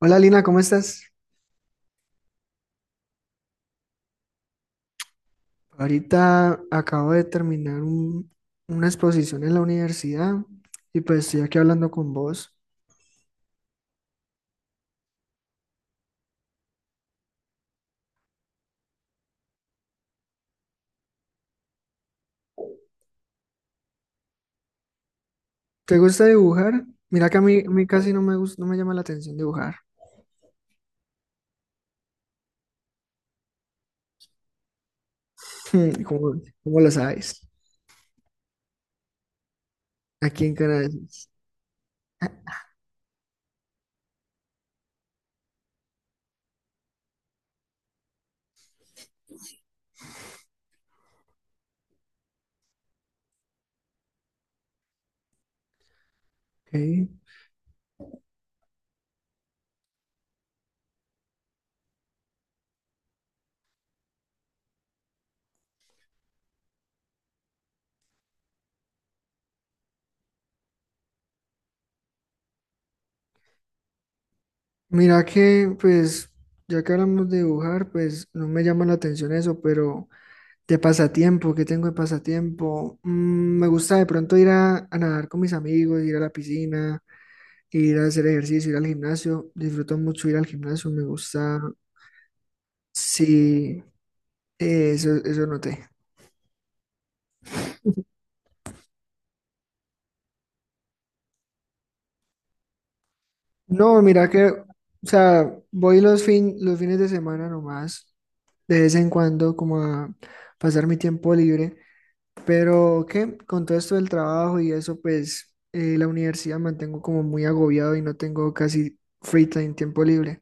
Hola Lina, ¿cómo estás? Ahorita acabo de terminar una exposición en la universidad y pues estoy aquí hablando con vos. ¿Te gusta dibujar? Mira que a mí casi no me gusta, no me llama la atención dibujar. ¿Cómo, cómo lo sabes? Aquí en Canadá. Ok. Mira que, pues, ya que hablamos de dibujar, pues no me llama la atención eso, pero de pasatiempo, ¿qué tengo de pasatiempo? Mm, me gusta de pronto ir a nadar con mis amigos, ir a la piscina, ir a hacer ejercicio, ir al gimnasio. Disfruto mucho ir al gimnasio, me gusta. Sí, eso noté. No, mira que, o sea, voy los fines de semana nomás, de vez en cuando, como a pasar mi tiempo libre. Pero que con todo esto del trabajo y eso, pues la universidad mantengo como muy agobiado y no tengo casi free time, tiempo libre.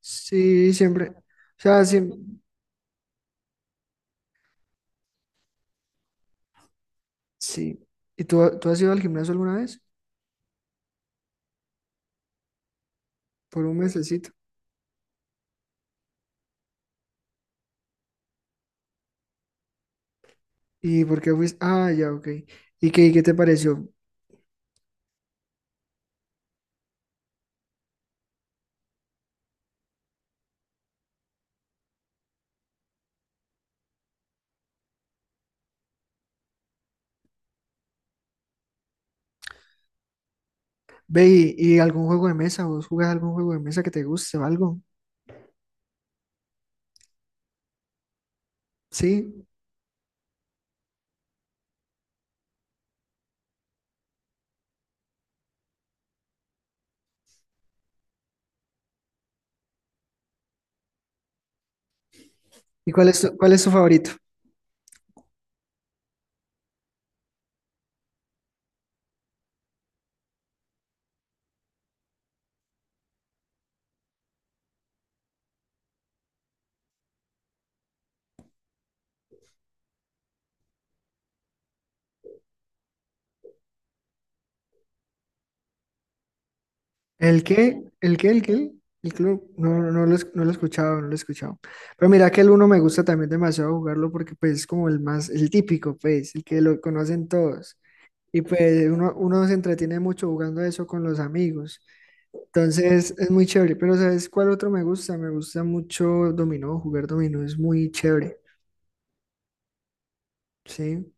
Sí, siempre. O sea, sí. Sí. ¿Y tú has ido al gimnasio alguna vez? Por un mes. ¿Y por qué fuiste? Ah, ya, ok. ¿Y qué te pareció? Ve, ¿y algún juego de mesa? ¿Vos jugás algún juego de mesa que te guste o algo? ¿Sí? ¿Y cuál es tu favorito? ¿El qué? ¿El qué? ¿El qué? El club. No lo he escuchado, no lo he escuchado. Pero mira que el uno me gusta también demasiado jugarlo porque pues es como el más, el típico, pues, el que lo conocen todos. Y pues uno se entretiene mucho jugando eso con los amigos. Entonces es muy chévere, pero ¿sabes cuál otro me gusta? Me gusta mucho dominó, jugar dominó es muy chévere, ¿sí?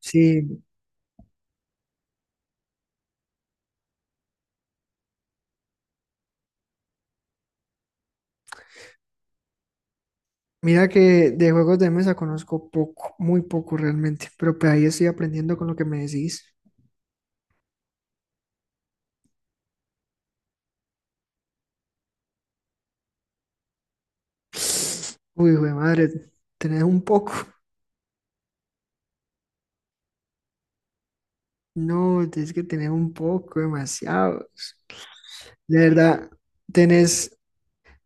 Sí, mira que de juegos de mesa conozco poco, muy poco realmente, pero pues ahí estoy aprendiendo con lo que me decís. Uy, hijo de madre, tenés un poco. No, tienes que tener un poco, demasiados. De verdad, tenés,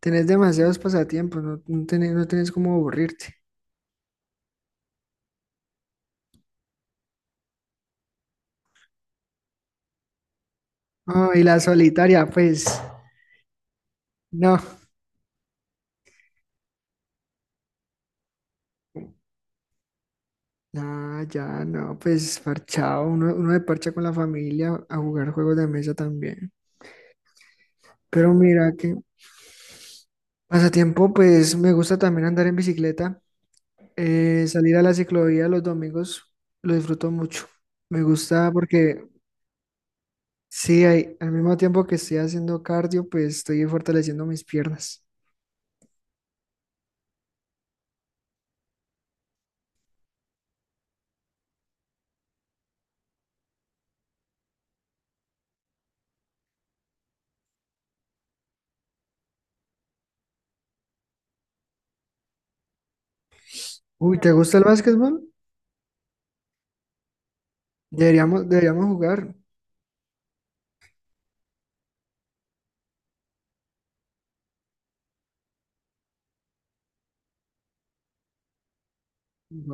tenés demasiados pasatiempos, no, no tenés cómo aburrirte. Ah, y la solitaria, pues, no. Ah, ya, no, pues parchado, uno se parcha con la familia a jugar juegos de mesa también. Pero mira que pasatiempo, pues me gusta también andar en bicicleta, salir a la ciclovía los domingos, lo disfruto mucho. Me gusta porque sí, hay, al mismo tiempo que estoy haciendo cardio, pues estoy fortaleciendo mis piernas. Uy, ¿te gusta el básquetbol? Deberíamos jugar.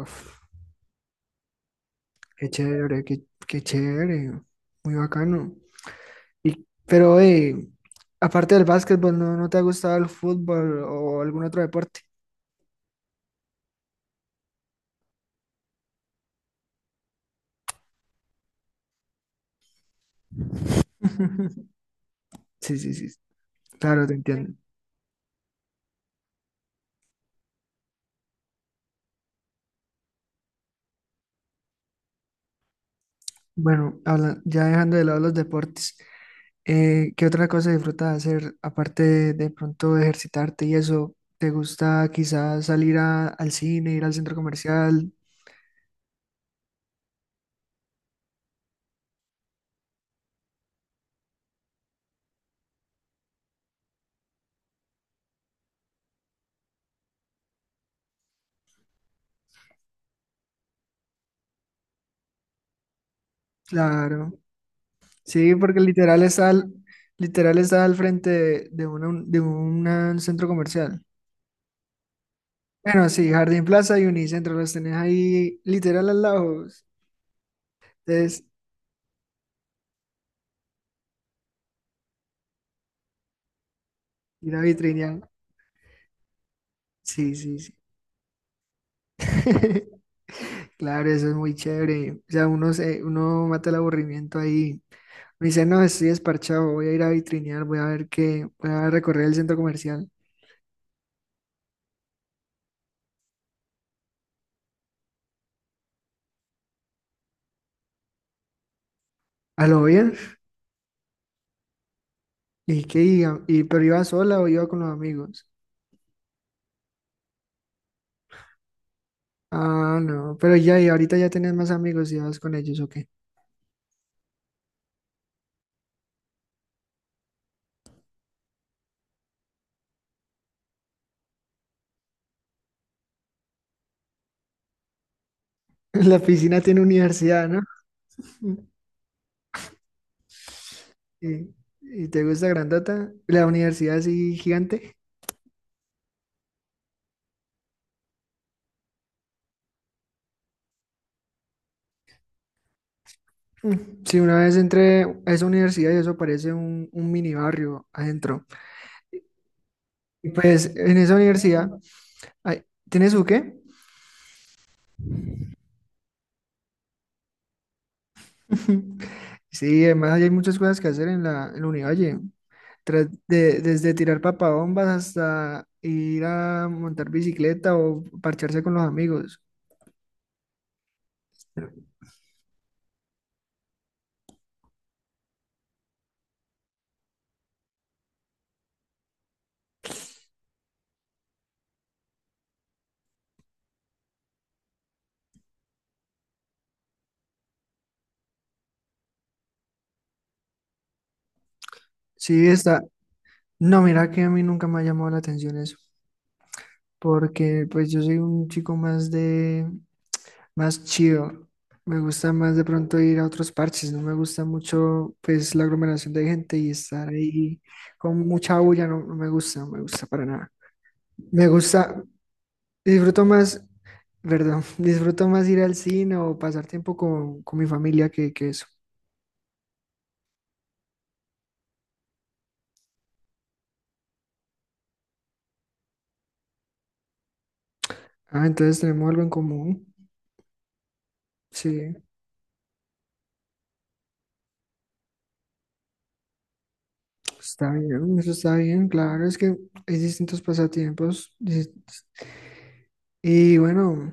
Uf, qué chévere, muy bacano. Y, pero, aparte del básquetbol, ¿no te ha gustado el fútbol o algún otro deporte? Sí, claro, te entiendo. Bueno, ya dejando de lado los deportes, ¿qué otra cosa disfrutas hacer aparte de pronto de ejercitarte y eso? ¿Te gusta quizás al cine, ir al centro comercial? Claro, sí, porque literal está al frente de, de un centro comercial. Bueno, sí, Jardín Plaza y Unicentro los tenés ahí literal al lado. Entonces, ir a Vitrinial. Sí, sí, sí. Claro, eso es muy chévere. O sea, uno mata el aburrimiento ahí. Me dice, no, estoy desparchado, voy a ir a vitrinear, voy a recorrer el centro comercial. ¿A lo bien? ¿Y qué iba? ¿Y pero iba sola o iba con los amigos? Ah, no, pero ya, y ahorita ya tenés más amigos y vas con ellos, ¿o qué? La piscina tiene universidad, ¿no? ¿Y, y te gusta Grandata? La universidad así gigante. Mm. Sí, una vez entré a esa universidad y eso parece un mini barrio adentro. Y pues en esa universidad, ay, ¿tiene su qué? Sí, además ahí hay muchas cosas que hacer en la Univalle. Desde tirar papabombas hasta ir a montar bicicleta o parcharse con los amigos. Sí, está. No, mira que a mí nunca me ha llamado la atención eso, porque pues yo soy un chico más de, más chido. Me gusta más de pronto ir a otros parches, no me gusta mucho pues la aglomeración de gente y estar ahí con mucha bulla, no, no me gusta, no me gusta para nada. Me gusta, disfruto más, perdón, disfruto más ir al cine o pasar tiempo con mi familia que eso. Ah, entonces tenemos algo en común. Sí, está bien, eso está bien, claro, es que hay distintos pasatiempos. Y bueno,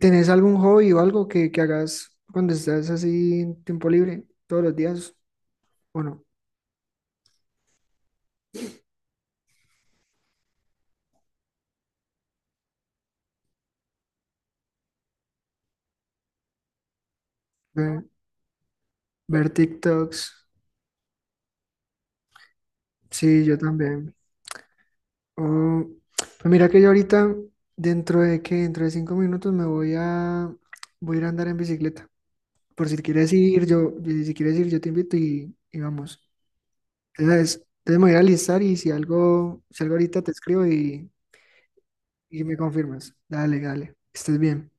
¿tenés algún hobby o algo que hagas cuando estás así en tiempo libre todos los días? Bueno, ver, ver TikToks. Sí, yo también. Oh, pues mira que yo ahorita, dentro de 5 minutos me voy a voy a ir a andar en bicicleta. Por si quieres ir, y si quieres ir, yo te invito y vamos. Entonces me voy a alistar y si algo ahorita te escribo y me confirmas. Dale, dale. Que estés bien.